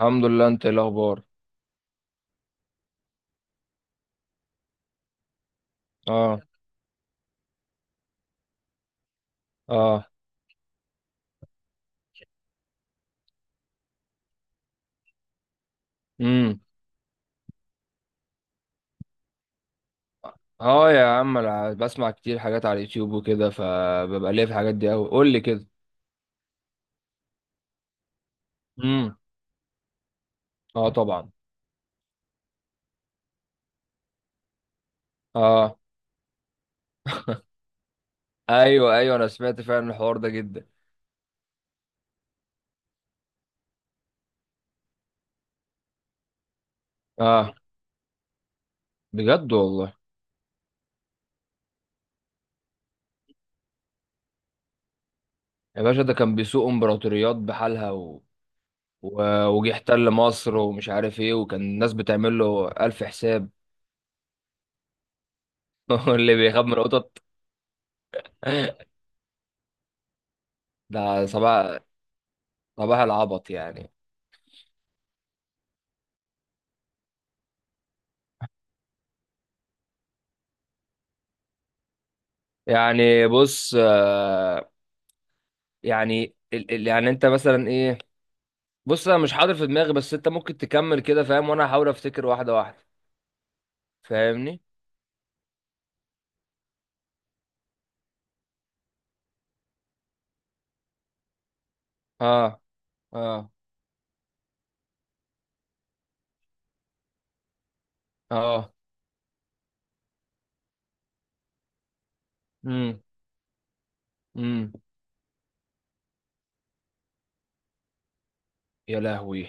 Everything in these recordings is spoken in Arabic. الحمد لله، انت ايه الاخبار؟ اه، اه. امم. اه، يا عم، انا بسمع كتير حاجات على اليوتيوب وكده، فببقى ليا في الحاجات دي قوي. قول لي كده. امم. اه، طبعا. اه. ايوه، ايوه، انا سمعت فعلا الحوار ده جدا. اه، بجد والله؟ يا باشا، ده كان بيسوق امبراطوريات بحالها، و... و... وجه احتل مصر ومش عارف ايه، وكان الناس بتعمل له الف حساب. اللي بيخاف من القطط! ده صباح العبط يعني. يعني بص، يعني يعني انت مثلا ايه؟ بص، انا مش حاضر في دماغي، بس انت ممكن تكمل كده فاهم، وانا هحاول افتكر واحده واحده. فاهمني. اه، اه، اه. امم، امم. يا لهوي!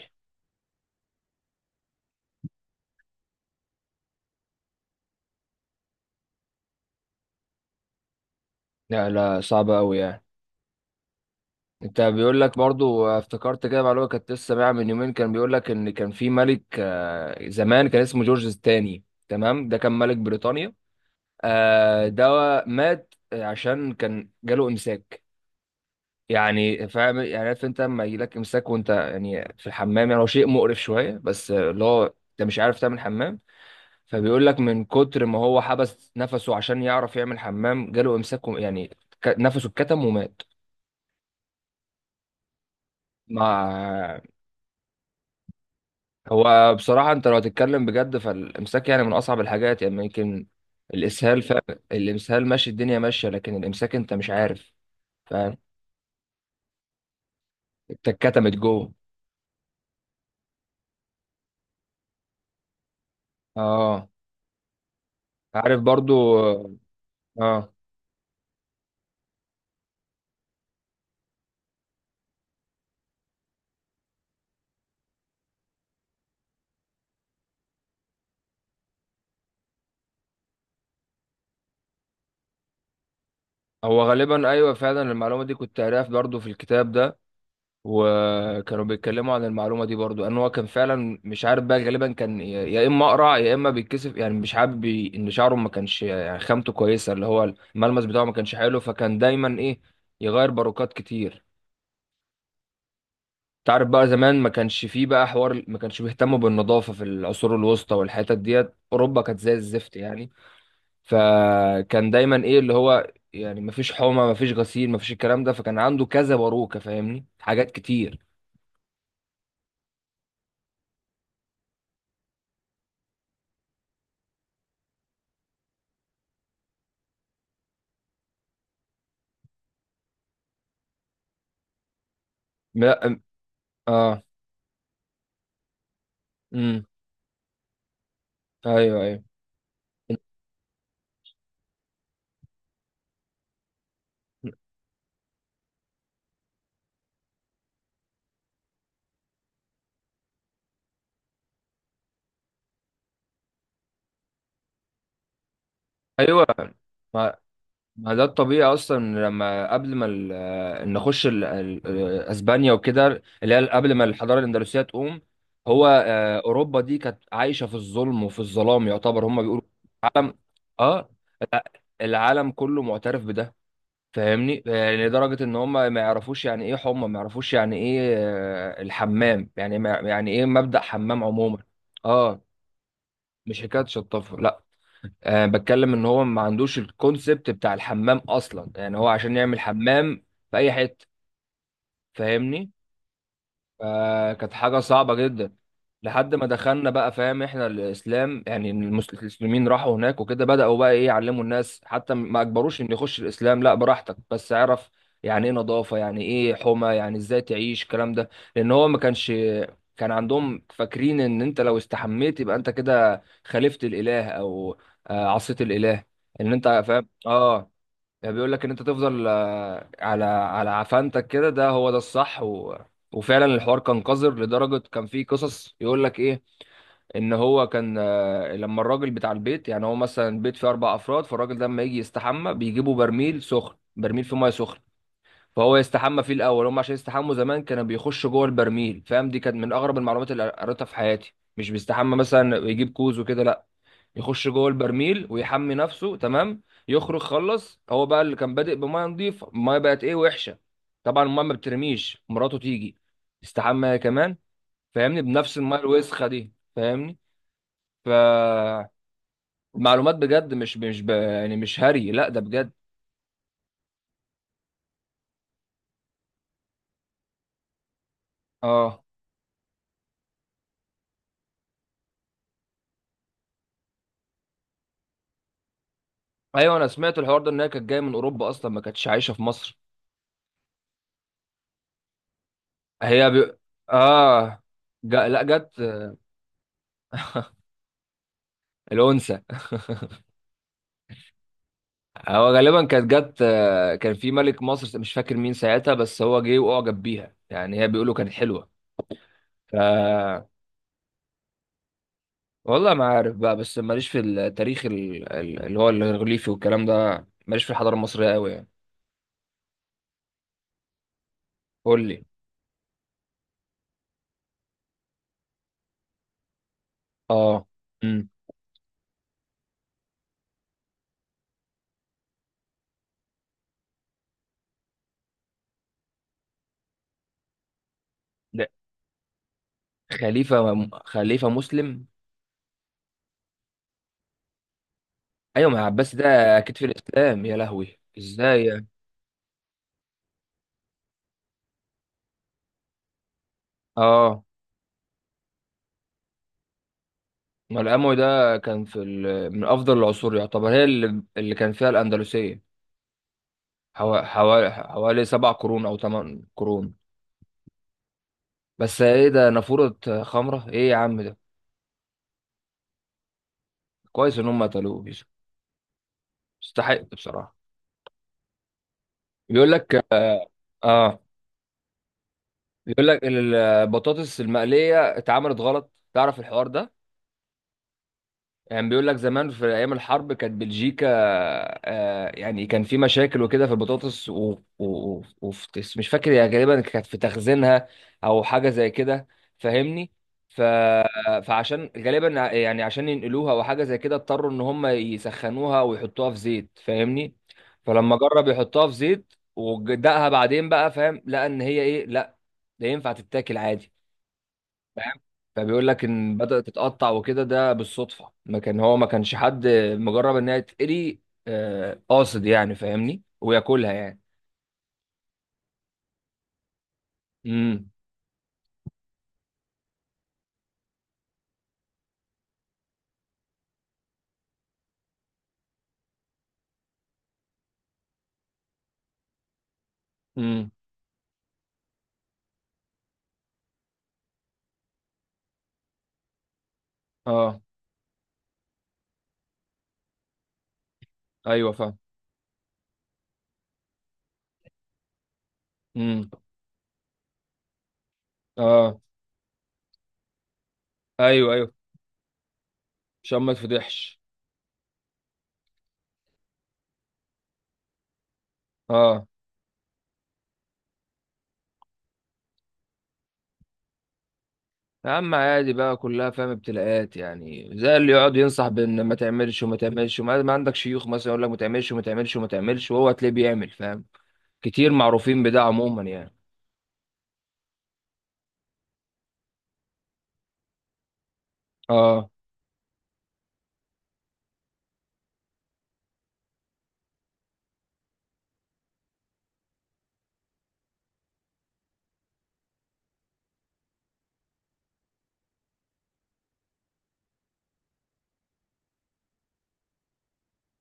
لا، لا، صعبه قوي يعني. انت بيقول لك برضو، افتكرت كده معلومه كنت لسه سامعها من يومين. كان بيقول لك ان كان في ملك، زمان، كان اسمه جورج الثاني. تمام، ده كان ملك بريطانيا. ده مات عشان كان جاله امساك. يعني فاهم، يعني عارف انت لما يجيلك امساك، وانت يعني في الحمام، يعني هو شيء مقرف شويه، بس اللي هو انت مش عارف تعمل حمام. فبيقول لك من كتر ما هو حبس نفسه عشان يعرف يعمل حمام جاله امساك، يعني نفسه اتكتم ومات. مع هو بصراحه، انت لو هتتكلم بجد، فالامساك يعني من اصعب الحاجات، يعني يمكن الاسهال ف... الامسهال ماشي، الدنيا ماشيه، لكن الامساك انت مش عارف. فاهم؟ انت اتكتمت جوه. اه، عارف برضو. اه، هو غالبا ايوه، فعلا المعلومه دي كنت قاريها برضه في الكتاب ده. وكانوا بيتكلموا عن المعلومه دي برضه، ان هو كان فعلا مش عارف، بقى غالبا كان يا اما اقرع يا اما بيتكسف، يعني مش حابب ان شعره ما كانش يعني خامته كويسه، اللي هو الملمس بتاعه ما كانش حلو، فكان دايما ايه، يغير باروكات كتير. تعرف بقى، زمان ما كانش فيه بقى حوار، ما كانش بيهتموا بالنظافه في العصور الوسطى والحتت ديت، اوروبا كانت زي الزفت يعني. فكان دايما ايه، اللي هو يعني مفيش حومه، مفيش غسيل، مفيش الكلام ده، فكان عنده كذا باروكه فاهمني، حاجات كتير. ما. اه، امم. ايوه، ايوه، ايوه. ما ما ده الطبيعي اصلا، لما قبل ما نخش اسبانيا وكده، اللي هي قبل ما الحضاره الاندلسيه تقوم. هو اوروبا دي كانت عايشه في الظلم وفي الظلام، يعتبر هم بيقولوا. العالم اه، الع- العالم كله معترف بده. فاهمني، يعني لدرجه ان هم ما يعرفوش يعني ايه حمى، ما يعرفوش يعني ايه الحمام، يعني ما يعني ايه مبدأ حمام عموما. اه. مش حكايه شطافه، لا. بتكلم ان هو ما عندوش الكونسبت بتاع الحمام اصلا، يعني هو عشان يعمل حمام في اي حته. فاهمني. فكانت حاجة صعبة جدا لحد ما دخلنا بقى فاهم، احنا الاسلام يعني المسلمين راحوا هناك وكده، بدأوا بقى ايه، يعلموا الناس. حتى ما اجبروش ان يخش الاسلام، لا براحتك، بس اعرف يعني ايه نظافة، يعني ايه حمى، يعني ازاي تعيش الكلام ده. لان هو ما كانش كان عندهم فاكرين، ان انت لو استحميت يبقى انت كده خالفت الاله، او عصيت الاله. ان انت فاهم؟ اه. يعني بيقول لك ان انت تفضل على عفانتك كده، ده هو ده الصح. وفعلا الحوار كان قذر لدرجه كان في قصص يقول لك ايه، ان هو كان لما الراجل بتاع البيت، يعني هو مثلا بيت فيه 4 افراد، فالراجل ده لما يجي يستحمى بيجيبوا برميل سخن، برميل فيه ميه سخنه. فهو يستحمى فيه الاول. هم عشان يستحموا زمان كانوا بيخشوا جوه البرميل فاهم، دي كانت من اغرب المعلومات اللي قريتها في حياتي. مش بيستحمى مثلا يجيب كوز وكده، لا، يخش جوه البرميل ويحمي نفسه، تمام. يخرج خلص، هو بقى اللي كان بادئ بميه نظيفه، الميه بقت ايه، وحشه. طبعا الميه ما بترميش، مراته تيجي تستحمى هي كمان، فاهمني؟ بنفس الميه الوسخه دي، فاهمني؟ فالمعلومات بجد مش يعني مش هري، لا ده بجد. اه. ايوه، انا سمعت الحوار ده، ان هي كانت جايه من اوروبا اصلا، ما كانتش عايشه في مصر. هي ب... اه. لا، جت. الانثى. هو غالبا كانت جت، كان في ملك مصر مش فاكر مين ساعتها، بس هو جه واعجب بيها يعني، هي بيقولوا كانت حلوه. ف والله ما عارف بقى، بس ماليش في التاريخ اللي هو الريليفي والكلام ده، ماليش في الحضاره المصريه قوي يعني. قول لي. اه. امم. ده خليفه مسلم. ايوه، ما عباس ده اكيد في الاسلام، يا لهوي، ازاي يعني؟ اه. ما الاموي ده كان في من افضل العصور يعتبر، هي اللي كان فيها الاندلسيه. حوالي 7 قرون او 8 قرون. بس ايه ده؟ نافورة خمرة؟ ايه يا عم ده! كويس ان هم قتلوه. يستحق بصراحة. بيقول لك. اه. بيقول لك البطاطس المقلية اتعملت غلط، تعرف الحوار ده؟ يعني بيقول لك زمان في ايام الحرب كانت بلجيكا، يعني كان في مشاكل وكده في البطاطس، و... و... وفي مش فاكر يعني، غالبا كانت في تخزينها او حاجه زي كده. فاهمني. ف... فعشان غالبا يعني عشان ينقلوها او حاجه زي كده، اضطروا ان هم يسخنوها ويحطوها في زيت، فاهمني؟ فلما جرب يحطها في زيت ودقها بعدين بقى فاهم، لقى ان هي ايه، لا، ده ينفع تتاكل عادي. فاهم. فبيقول لك ان بدأت تتقطع وكده ده بالصدفة، ما كان هو ما كانش حد مجرب انها تتقري، قاصد يعني فاهمني، وياكلها يعني. امم، امم. اه. ايوه فاهم. امم. اه. ايوه، ايوه، عشان ما تفضحش. اه يا عم، عادي بقى كلها فاهم، ابتلاءات يعني. زي اللي يقعد ينصح بان ما تعملش وما تعملش، وما ما عندك شيوخ مثلا يقول لك ما تعملش وما تعملش وما تعملش، وهو تلاقيه بيعمل فاهم. كتير معروفين بده عموما يعني. اه.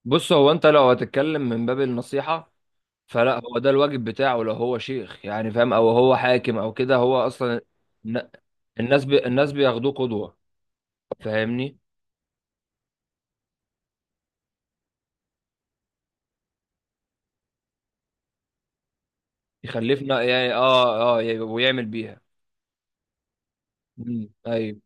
بص، هو انت لو هتتكلم من باب النصيحة، فلا، هو ده الواجب بتاعه، لو هو شيخ يعني فاهم، او هو حاكم او كده هو اصلا. الن- الناس بياخدوه قدوة فاهمني. يخلفنا يعني. اه، اه، ويعمل بيها. مم. ايوه.